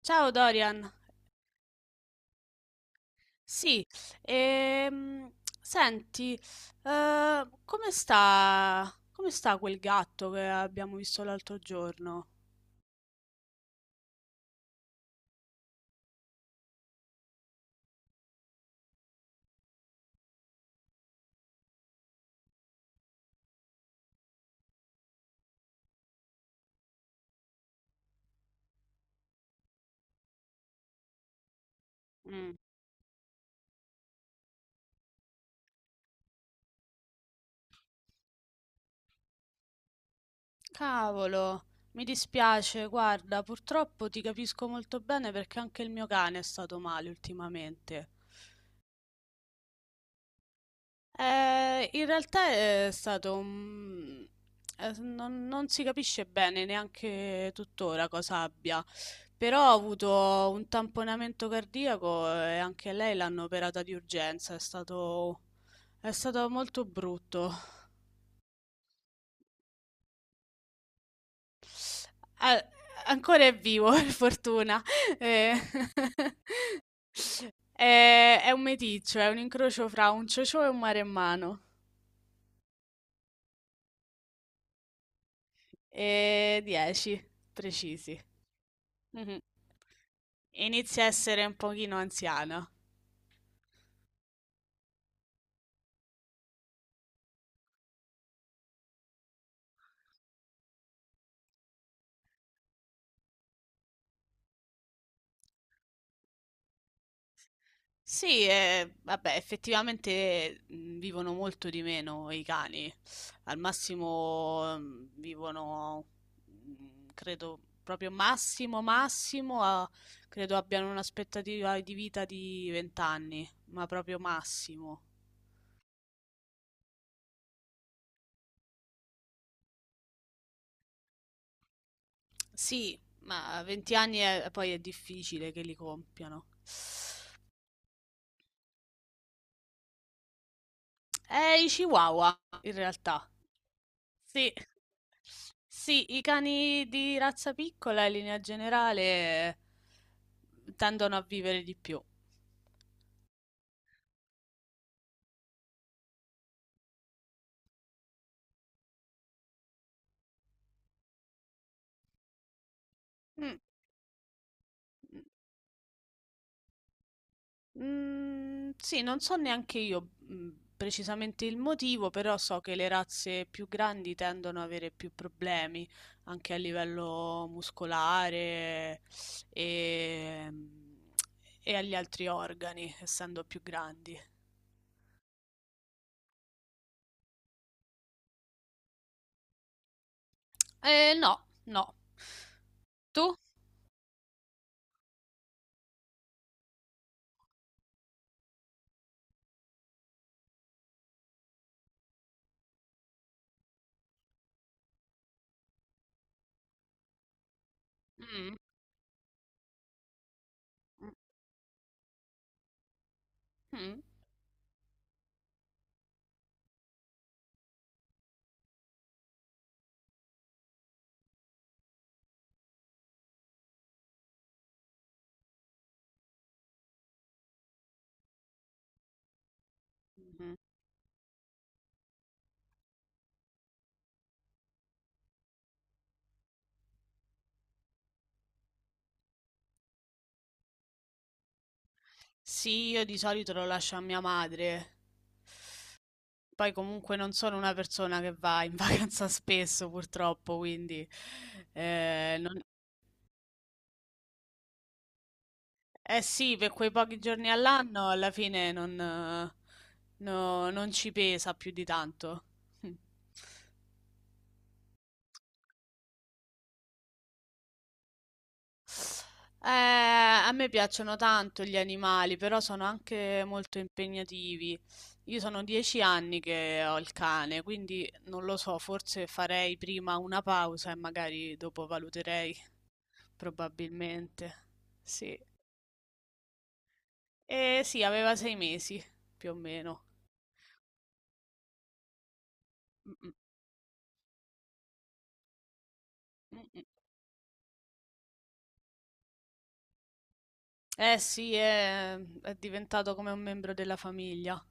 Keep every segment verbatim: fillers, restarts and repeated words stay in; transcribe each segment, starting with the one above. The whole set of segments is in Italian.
Ciao Dorian, sì, ehm, senti, eh, come sta, come sta quel gatto che abbiamo visto l'altro giorno? Mm. Cavolo, mi dispiace, guarda, purtroppo ti capisco molto bene perché anche il mio cane è stato male ultimamente. Eh, in realtà è stato un... eh, non, non si capisce bene neanche tuttora cosa abbia, però ha avuto un tamponamento cardiaco e anche lei l'hanno operata di urgenza, è stato, è stato molto brutto. Ah, ancora è vivo, per fortuna. Eh, È, è un meticcio, è un incrocio fra un ciocio e un maremmano. E dieci precisi. Inizia a essere un pochino anziana. Sì, eh, vabbè, effettivamente mh, vivono molto di meno i cani. Al massimo mh, vivono, mh, credo, proprio massimo, massimo, a- credo abbiano un'aspettativa di vita di venti anni, ma proprio massimo. Sì, ma venti anni è- poi è difficile che li compiano. È i Chihuahua, in realtà. Sì. Sì, i cani di razza piccola in linea generale tendono a vivere di più. Mm, mm, sì, non so neanche io mm, precisamente il motivo, però so che le razze più grandi tendono ad avere più problemi anche a livello muscolare e, e agli altri organi, essendo più grandi. Eh, no, no. Tu? Mm. Mh. Mh-mh. Sì, io di solito lo lascio a mia madre. Poi comunque non sono una persona che va in vacanza spesso purtroppo, quindi eh, non- eh sì, per quei pochi giorni all'anno alla fine non, eh, no- non ci pesa più di tanto. Eh, a me piacciono tanto gli animali, però sono anche molto impegnativi. Io sono dieci anni che ho il cane, quindi non lo so, forse farei prima una pausa e magari dopo valuterei, probabilmente. Sì. Eh sì, aveva sei mesi, più o meno. Mm, mm, mm, mm. Eh sì, è, è diventato come un membro della famiglia.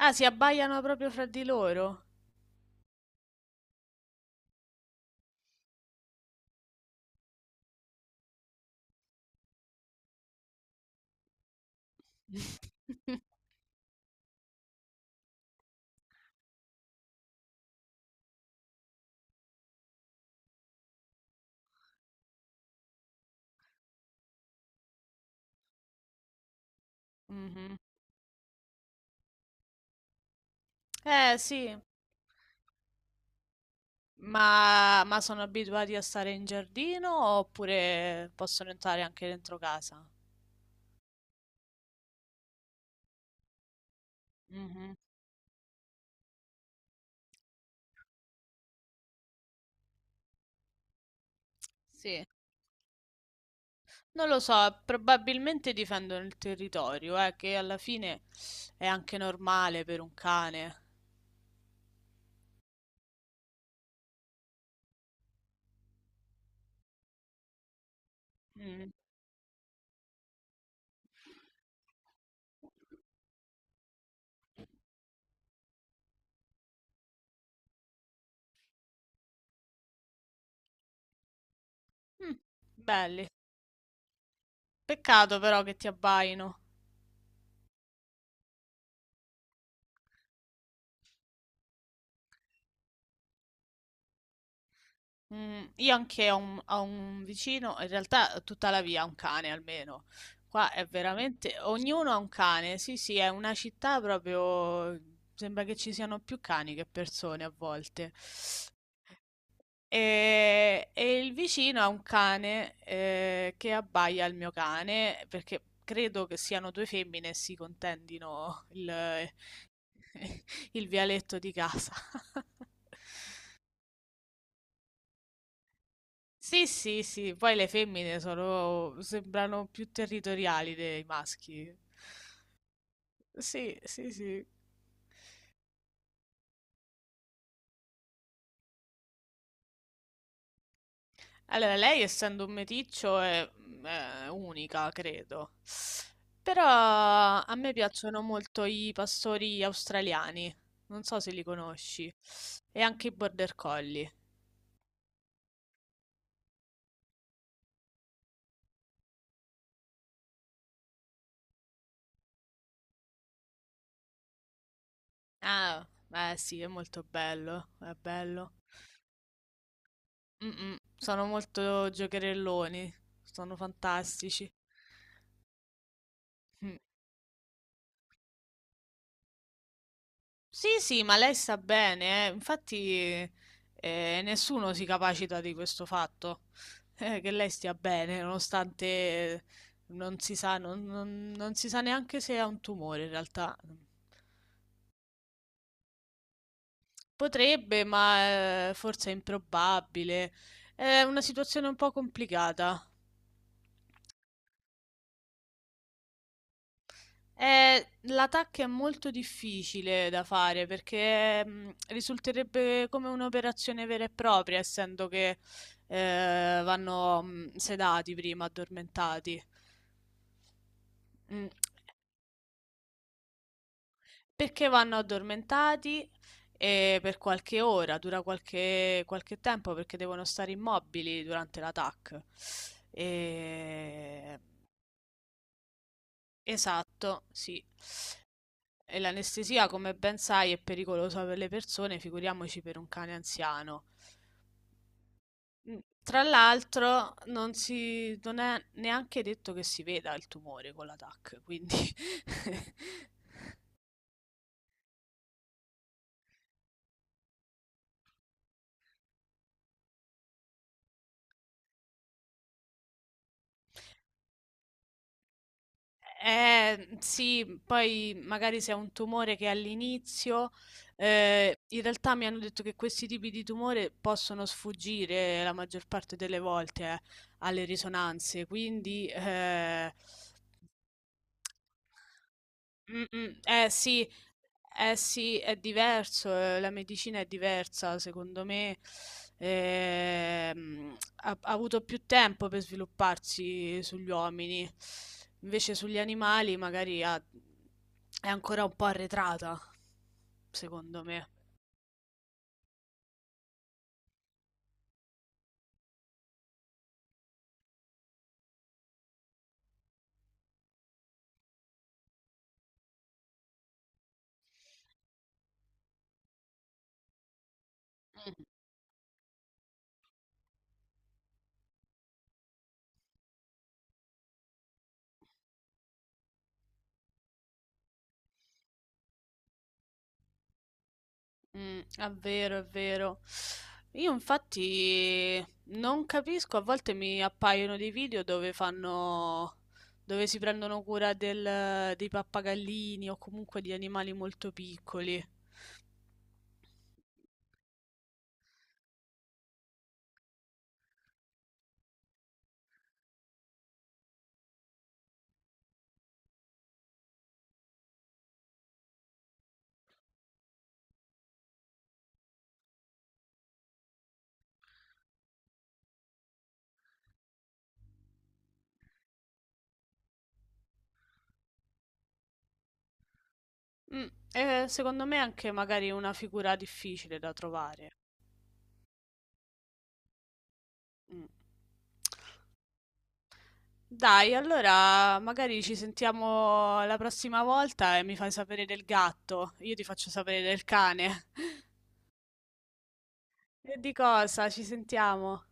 Ah, si abbaiano proprio fra di loro. Mhm. Eh sì. Ma, ma sono abituati a stare in giardino oppure possono entrare anche dentro casa? Mhm. Sì, non lo so, probabilmente difendono il territorio, eh, che alla fine è anche normale per un cane. Mm. Mm, belli. Peccato però che ti abbaino. Mm, io anche ho un, ho un vicino, in realtà tutta la via ha un cane almeno. Qua è veramente, ognuno ha un cane, sì sì, è una città proprio, sembra che ci siano più cani che persone a volte. E, e il vicino ha un cane eh, che abbaia al mio cane, perché credo che siano due femmine e si contendino il, il vialetto di casa. Sì, sì, sì, poi le femmine sono, sembrano più territoriali dei maschi. Sì, sì, sì. Allora, lei essendo un meticcio è, mm, è unica, credo. Però a me piacciono molto i pastori australiani, non so se li conosci, e anche i border collie. Ah, beh sì, è molto bello, è bello. Mm, mm, sono molto giocherelloni, sono fantastici. Mm. Sì, sì, ma lei sta bene, eh. Infatti eh, nessuno si capacita di questo fatto, eh, che lei stia bene, nonostante eh, non si sa, non, non- non si sa neanche se ha un tumore in realtà. Potrebbe, ma eh, forse è improbabile. È una situazione un po' complicata. Eh, l'attacco è molto difficile da fare perché mh, risulterebbe come un'operazione vera e propria, essendo che eh, vanno mh, sedati prima, addormentati. Mm, perché vanno addormentati eh, per qualche ora, dura qualche, qualche tempo perché devono stare immobili durante l'attacco. Eh, esatto, sì. E l'anestesia, come ben sai, è pericolosa per le persone, figuriamoci per un cane anziano. Mm, tra l'altro, non si, non è neanche detto che si veda il tumore con la TAC, quindi Eh, sì, poi magari se è un tumore che all'inizio, eh, in realtà mi hanno detto che questi tipi di tumore possono sfuggire la maggior parte delle volte, eh, alle risonanze, quindi eh, mm, mm, eh sì, eh sì, è diverso, eh, la medicina è diversa, secondo me ehm, ha, ha avuto più tempo per svilupparsi sugli uomini, invece sugli animali magari ha- è ancora un po' arretrata, secondo me. Mm, è vero, è vero. Io infatti non capisco, a volte mi appaiono dei video dove fanno, dove si prendono cura del- dei pappagallini o comunque di animali molto piccoli. Mm, e secondo me è anche magari una figura difficile da trovare. Mm. Dai, allora magari ci sentiamo la prossima volta e mi fai sapere del gatto, io ti faccio sapere del cane. E di cosa? Ci sentiamo.